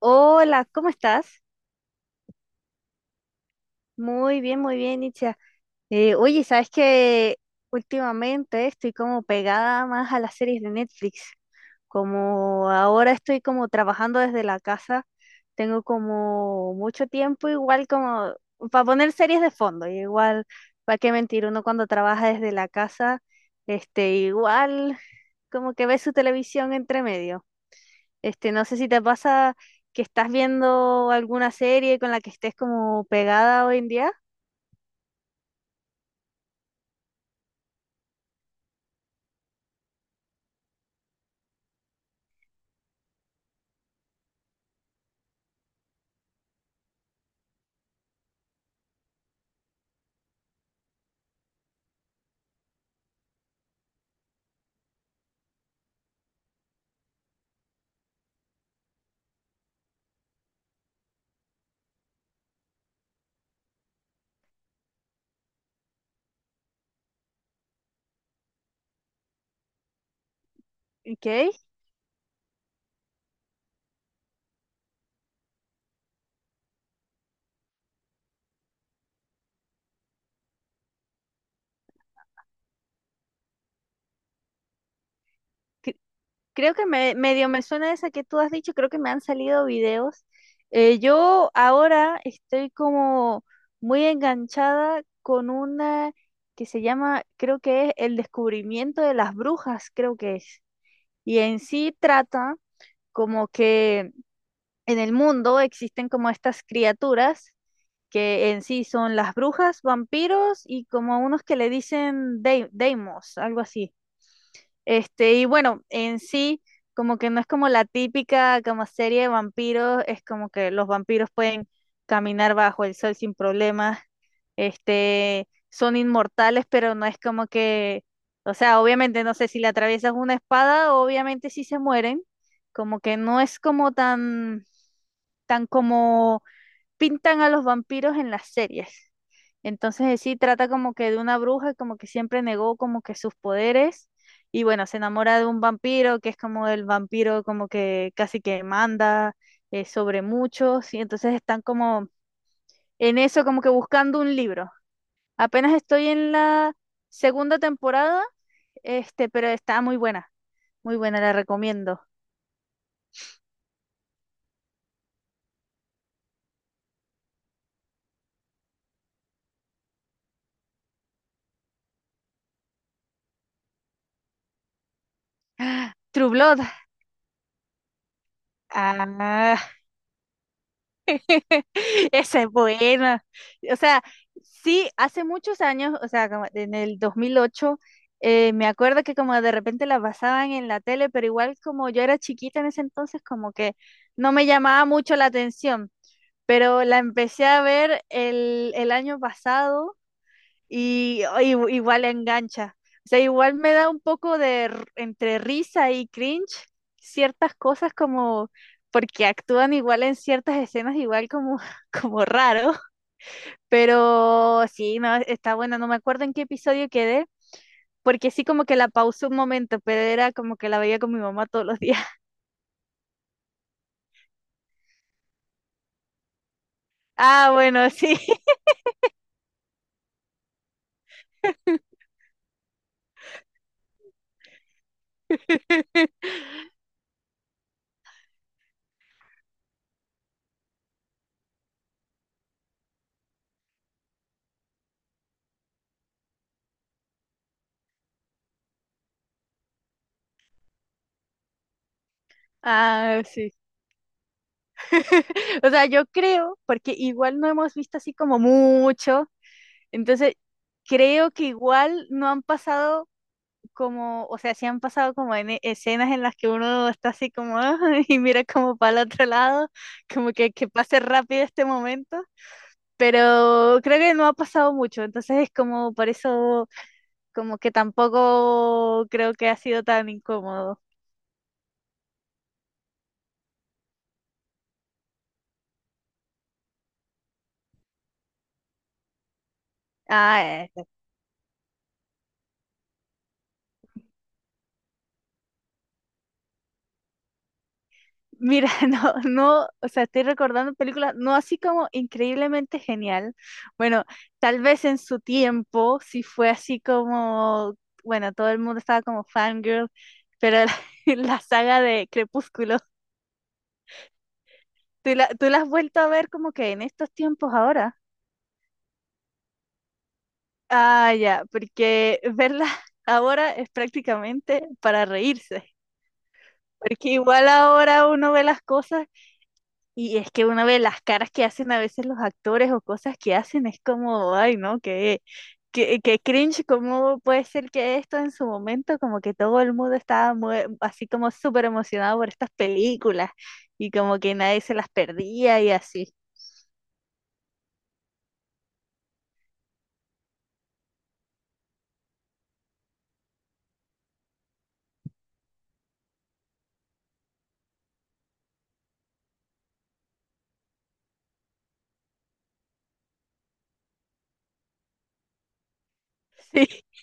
Hola, ¿cómo estás? Muy bien, Itzia. Oye, ¿sabes qué? Últimamente estoy como pegada más a las series de Netflix. Como ahora estoy como trabajando desde la casa, tengo como mucho tiempo igual como para poner series de fondo. Y igual, ¿para qué mentir? Uno cuando trabaja desde la casa, igual como que ve su televisión entre medio. No sé si te pasa que estás viendo alguna serie con la que estés como pegada hoy en día. Ok. Cre- Creo que medio me suena esa que tú has dicho, creo que me han salido videos. Yo ahora estoy como muy enganchada con una que se llama, creo que es El descubrimiento de las brujas, creo que es. Y en sí trata como que en el mundo existen como estas criaturas que en sí son las brujas, vampiros y como unos que le dicen daimos, algo así. Y bueno, en sí, como que no es como la típica como serie de vampiros, es como que los vampiros pueden caminar bajo el sol sin problemas, son inmortales, pero no es como que, o sea, obviamente no sé si le atraviesas una espada, obviamente sí se mueren, como que no es como tan como pintan a los vampiros en las series. Entonces sí trata como que de una bruja, como que siempre negó como que sus poderes y bueno, se enamora de un vampiro que es como el vampiro como que casi que manda sobre muchos y entonces están como en eso como que buscando un libro. Apenas estoy en la segunda temporada, pero está muy buena, la recomiendo. True Blood. Ah, Esa es buena. O sea, sí, hace muchos años, o sea, como en el 2008, me acuerdo que como de repente la pasaban en la tele, pero igual como yo era chiquita en ese entonces, como que no me llamaba mucho la atención, pero la empecé a ver el año pasado y, igual engancha. O sea, igual me da un poco de entre risa y cringe ciertas cosas como porque actúan igual en ciertas escenas igual como como raro, pero sí, no, está buena, no me acuerdo en qué episodio quedé. Porque sí, como que la pausé un momento, pero era como que la veía con mi mamá todos los días. Ah, bueno, sí. Ah, sí. O sea, yo creo, porque igual no hemos visto así como mucho, entonces, creo que igual no han pasado como, o sea, sí han pasado como en escenas en las que uno está así como "Ah", y mira como para el otro lado, como que pase rápido este momento, pero creo que no ha pasado mucho, entonces es como por eso como que tampoco creo que ha sido tan incómodo. Ah. Mira, no, no, o sea, estoy recordando películas, no así como increíblemente genial. Bueno, tal vez en su tiempo sí fue así como, bueno, todo el mundo estaba como fangirl, pero la, la saga de Crepúsculo, ¿tú la has vuelto a ver como que en estos tiempos ahora? Ah, ya, porque verla ahora es prácticamente para reírse, porque igual ahora uno ve las cosas. Y es que uno ve las caras que hacen a veces los actores o cosas que hacen, es como, ay, no, que qué cringe, cómo puede ser que esto en su momento, como que todo el mundo estaba así como súper emocionado por estas películas y como que nadie se las perdía y así.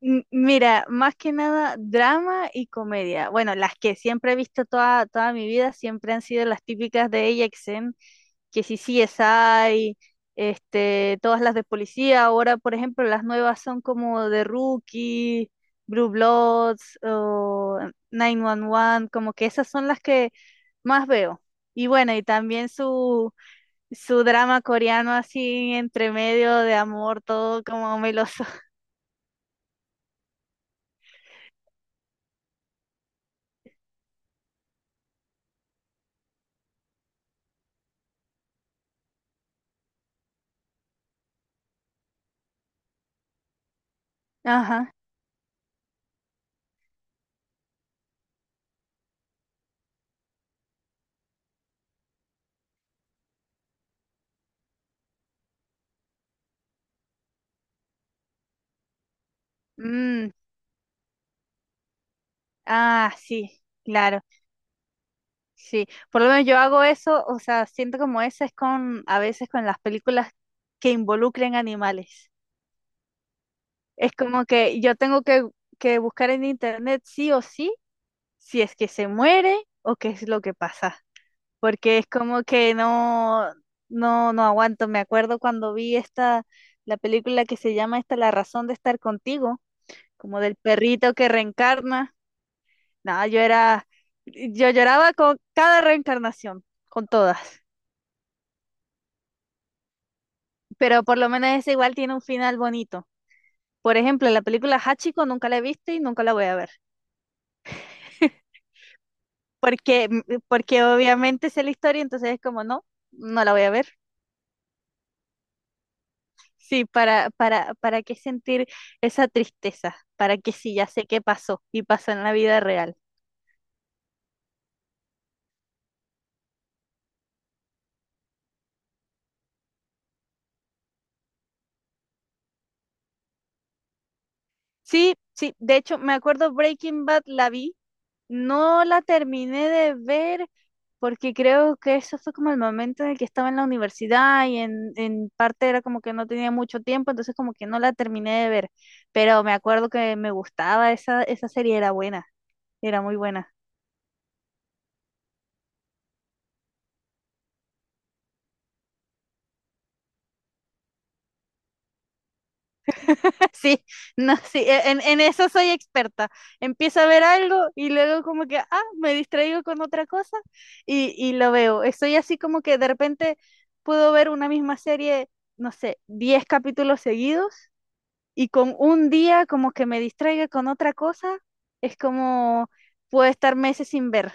Mira, más que nada drama y comedia. Bueno, las que siempre he visto toda mi vida siempre han sido las típicas de AXN, que si CSI, todas las de policía. Ahora, por ejemplo, las nuevas son como The Rookie, Blue Bloods o 911, como que esas son las que más veo. Y bueno, y también su drama coreano así entre medio de amor, todo como meloso. Ajá. Mm. Ah, sí, claro, sí. Por lo menos yo hago eso, o sea, siento como eso es a veces con las películas que involucren animales. Es como que yo tengo que buscar en internet sí o sí si es que se muere o qué es lo que pasa. Porque es como que no, no, no aguanto. Me acuerdo cuando vi esta, la película que se llama esta, La razón de estar contigo, como del perrito que reencarna. Nada, yo lloraba con cada reencarnación, con todas. Pero por lo menos esa igual tiene un final bonito. Por ejemplo, la película Hachiko nunca la he visto y nunca la voy a ver. Porque, porque obviamente sé la historia, entonces es como, no, no la voy a ver. Sí, para qué sentir esa tristeza, para que sí, ya sé qué pasó y pasó en la vida real. Sí, sí, de hecho me acuerdo Breaking Bad la vi. No la terminé de ver porque creo que eso fue como el momento en el que estaba en la universidad y en parte era como que no tenía mucho tiempo, entonces como que no la terminé de ver, pero me acuerdo que me gustaba esa, esa serie, era buena, era muy buena. Sí, no, sí, en eso soy experta. Empiezo a ver algo y luego como que, ah, me distraigo con otra cosa y lo veo. Estoy así como que de repente puedo ver una misma serie, no sé, 10 capítulos seguidos y con un día como que me distraiga con otra cosa, es como puedo estar meses sin ver.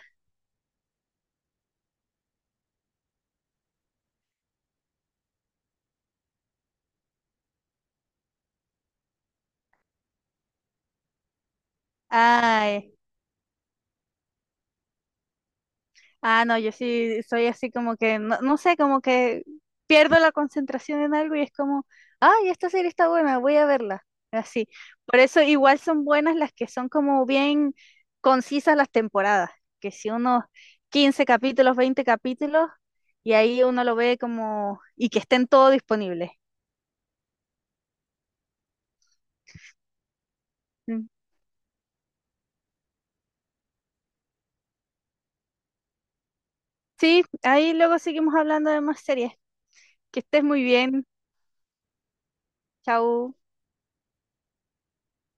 Ay, ah, no, yo sí soy así como que, no, no sé, como que pierdo la concentración en algo y es como, ay, esta serie está buena, voy a verla. Así. Por eso igual son buenas las que son como bien concisas las temporadas, que si unos 15 capítulos, 20 capítulos, y ahí uno lo ve como, y que estén todo disponibles. Sí, ahí luego seguimos hablando de más series. Que estés muy bien. Chau.